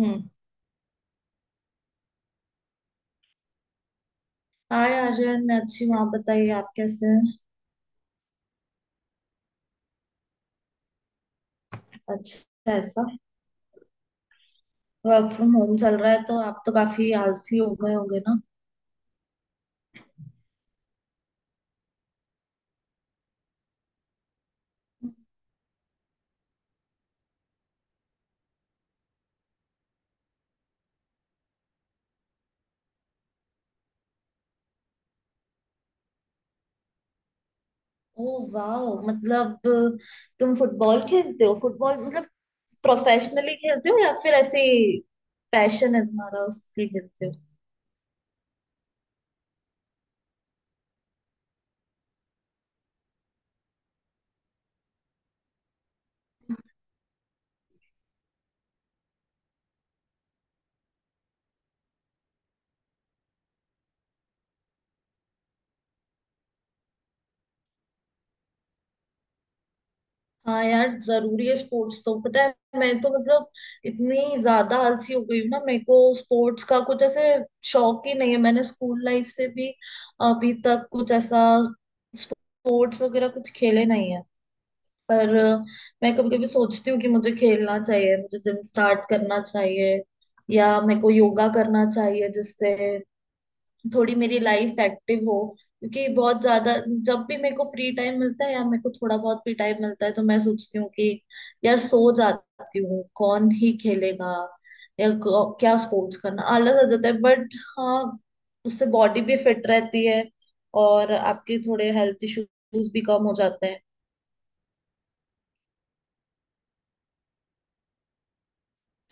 हम्म। Hi Aryan, मैं अच्छी हूँ। आप बताइए, आप कैसे हैं? अच्छा, ऐसा। वर्क फ्रॉम होम चल रहा है तो आप तो काफी आलसी हो गए होंगे ना। ओ, वाह। मतलब तुम फुटबॉल खेलते हो? फुटबॉल मतलब प्रोफेशनली खेलते हो या फिर ऐसे पैशन है तुम्हारा, उसके लिए खेलते हो? हाँ यार, जरूरी है स्पोर्ट्स तो, पता है। मैं तो मतलब इतनी ज्यादा आलसी हो गई हूँ ना, मेरे को स्पोर्ट्स का कुछ ऐसे शौक ही नहीं है। मैंने स्कूल लाइफ से भी अभी तक कुछ ऐसा स्पोर्ट्स वगैरह कुछ खेले नहीं है। पर मैं कभी कभी सोचती हूँ कि मुझे खेलना चाहिए, मुझे जिम स्टार्ट करना चाहिए या मेरे को योगा करना चाहिए, जिससे थोड़ी मेरी लाइफ एक्टिव हो। क्योंकि बहुत ज्यादा जब भी मेरे को फ्री टाइम मिलता है या मेरे को थोड़ा बहुत भी टाइम मिलता है तो मैं सोचती हूँ कि यार सो जाती हूँ, कौन ही खेलेगा या क्या स्पोर्ट्स करना, आलस आ जाता है। बट हाँ, उससे बॉडी भी फिट रहती है और आपके थोड़े हेल्थ इश्यूज भी कम हो जाते हैं।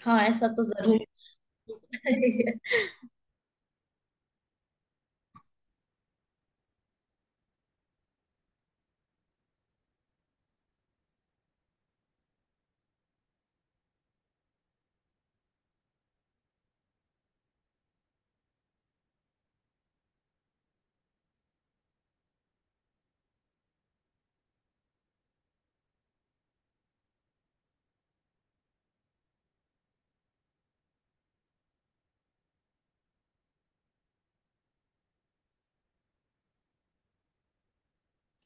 हाँ, ऐसा तो जरूर है।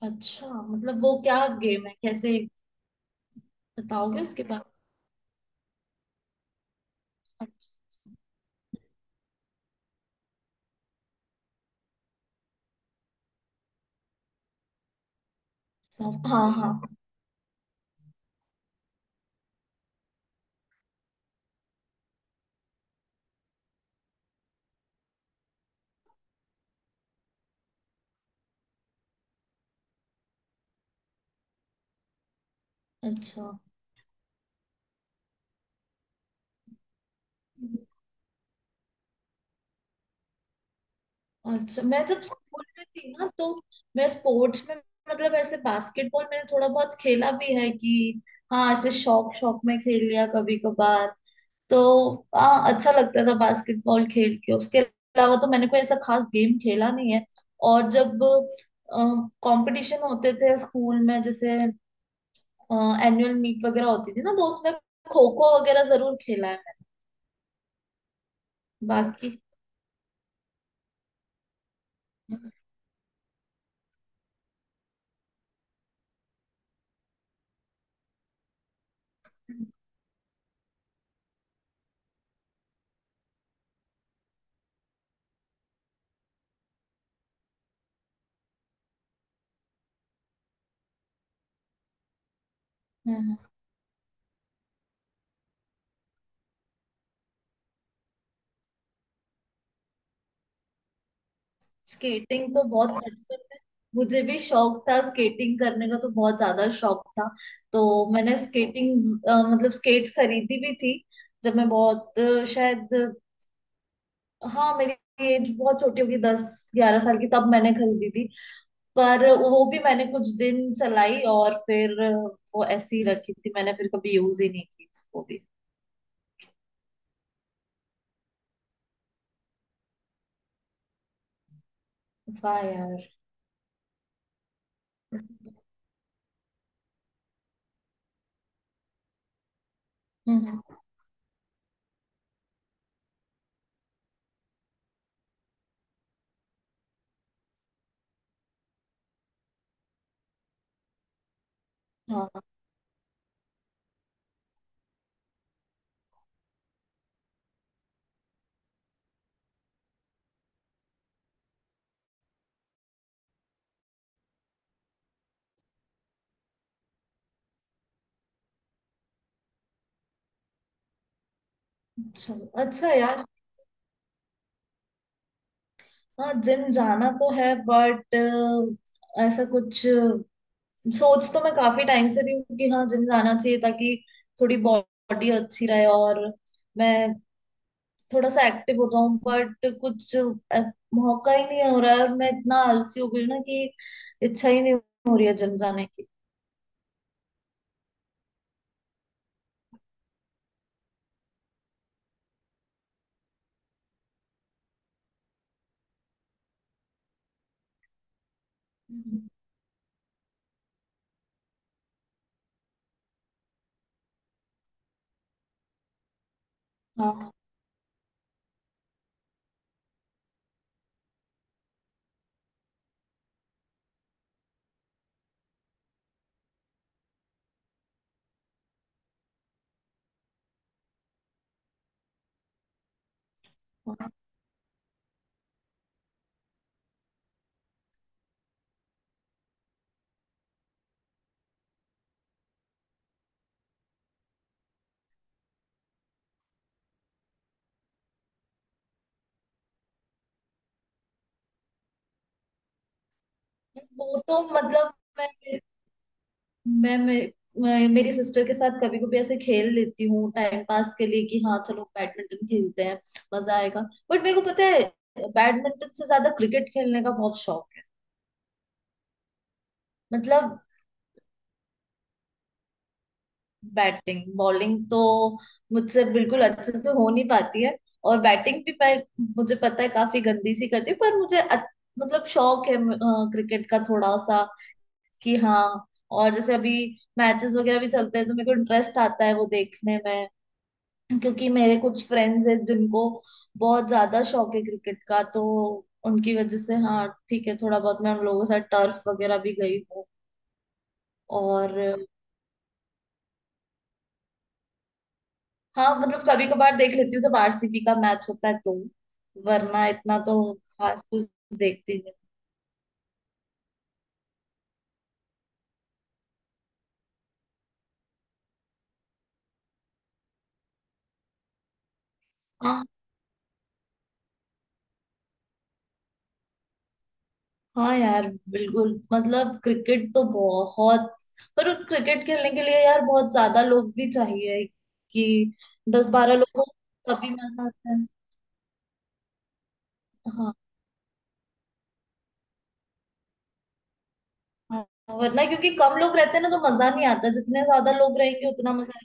अच्छा, मतलब वो क्या गेम है, कैसे बताओगे उसके बाद? अच्छा। हाँ हाँ। अच्छा। अच्छा, मैं जब स्कूल में थी ना, तो मैं स्पोर्ट्स में मतलब ऐसे बास्केटबॉल मैंने थोड़ा बहुत खेला भी है कि हाँ, ऐसे शौक शौक में खेल लिया कभी कभार। तो हाँ, अच्छा लगता था बास्केटबॉल खेल के। उसके अलावा तो मैंने कोई ऐसा खास गेम खेला नहीं है। और जब कंपटीशन होते थे स्कूल में, जैसे एनुअल मीट वगैरह होती थी ना, तो उसमें खो खो वगैरह जरूर खेला है मैंने। बाकी हम्म, हम्म। स्केटिंग तो बहुत बचपन में मुझे भी शौक था, स्केटिंग करने का तो बहुत ज्यादा शौक था। तो मैंने स्केटिंग मतलब स्केट्स खरीदी भी थी, जब मैं बहुत शायद हाँ, मेरी एज बहुत छोटी होगी, 10 ग्यारह साल की, तब मैंने खरीदी थी। पर वो भी मैंने कुछ दिन चलाई और फिर वो ऐसी ही रखी थी, मैंने फिर कभी यूज ही नहीं की वो भी। वाह यार। हम्म। हाँ। अच्छा। अच्छा यार, हाँ जिम जाना तो है बट ऐसा कुछ सोच तो मैं काफी टाइम से रही हूँ कि हाँ जिम जाना चाहिए, ताकि थोड़ी बॉडी अच्छी रहे और मैं थोड़ा सा एक्टिव हो जाऊं। बट कुछ मौका ही नहीं हो रहा है और मैं इतना आलसी हो गई हूँ ना कि इच्छा ही नहीं हो रही है जिम जाने की। हम्म, हाँ हाँ, वो तो मतलब मैं मैं, मैं, मैं मेरी सिस्टर के साथ कभी कभी ऐसे खेल लेती हूँ टाइम पास के लिए कि हाँ चलो बैडमिंटन खेलते हैं, मजा आएगा। बट मेरे को पता है बैडमिंटन से ज्यादा क्रिकेट खेलने का बहुत शौक है। मतलब बैटिंग बॉलिंग तो मुझसे बिल्कुल अच्छे से हो नहीं पाती है, और बैटिंग भी मैं मुझे पता है काफी गंदी सी करती हूँ, पर मुझे मतलब शौक है क्रिकेट का थोड़ा सा कि हाँ। और जैसे अभी मैचेस वगैरह भी चलते हैं तो मेरे को इंटरेस्ट आता है वो देखने में, क्योंकि मेरे कुछ फ्रेंड्स हैं जिनको बहुत ज्यादा शौक है क्रिकेट का, तो उनकी वजह से हाँ ठीक है, थोड़ा बहुत मैं उन लोगों के साथ टर्फ वगैरह भी गई हूँ। और हाँ, मतलब कभी कभार देख लेती हूँ जब आरसीबी का मैच होता है तो, वरना इतना तो खास कुछ देखती नहीं। हाँ हाँ यार, बिल्कुल मतलब क्रिकेट तो बहुत, पर उस क्रिकेट खेलने के लिए यार बहुत ज्यादा लोग भी चाहिए कि 10 बारह लोग हो, तभी मजा आता है। हाँ, हाँ, वरना क्योंकि कम लोग रहते हैं ना तो मजा नहीं आता, जितने ज्यादा लोग रहेंगे उतना मजा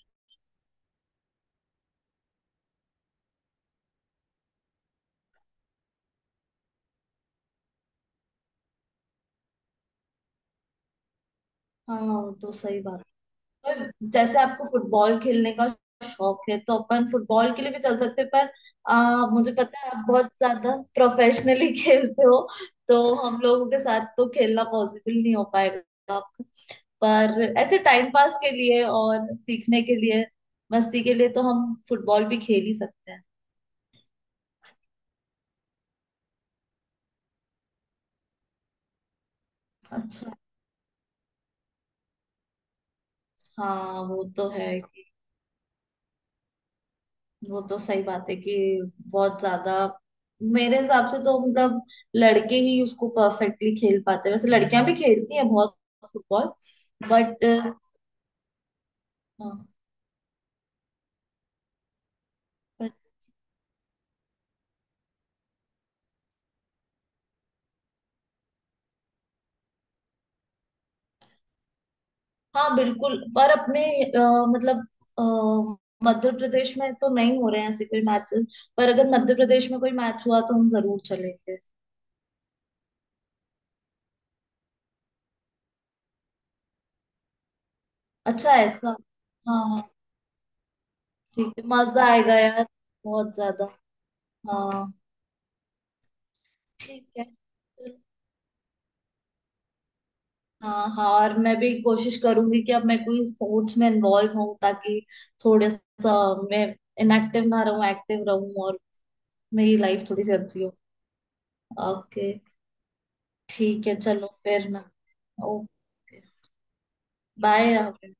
आएगा। हाँ, तो सही बात है। पर जैसे आपको फुटबॉल खेलने का शौक है तो अपन फुटबॉल के लिए भी चल सकते हैं, पर मुझे पता है आप बहुत ज्यादा प्रोफेशनली खेलते हो, तो हम लोगों के साथ तो खेलना पॉसिबल नहीं हो पाएगा आपका। पर ऐसे टाइम पास के लिए और सीखने के लिए, मस्ती के लिए तो हम फुटबॉल भी खेल ही सकते हैं। अच्छा, हाँ वो तो है। वो तो सही बात है कि बहुत ज्यादा मेरे हिसाब से तो मतलब लड़के ही उसको परफेक्टली खेल पाते हैं। वैसे लड़कियां भी खेलती हैं बहुत फुटबॉल, बट हाँ। but- हाँ, बिल्कुल, पर अपने मतलब अ, मध्य प्रदेश में तो नहीं हो रहे हैं ऐसे कोई मैचेस, पर अगर मध्य प्रदेश में कोई मैच हुआ तो हम जरूर चलेंगे। अच्छा, ऐसा। हाँ हाँ, ठीक है, मजा आएगा यार, बहुत ज्यादा। हाँ। ठीक है, हाँ हाँ, और मैं भी कोशिश करूंगी कि अब मैं कोई स्पोर्ट्स में इन्वॉल्व हूँ, ताकि थोड़ा सा मैं इनएक्टिव ना रहूँ, एक्टिव रहूँ और मेरी लाइफ थोड़ी सी अच्छी हो। ओके। ठीक है, चलो फिर ना। Okay, bye.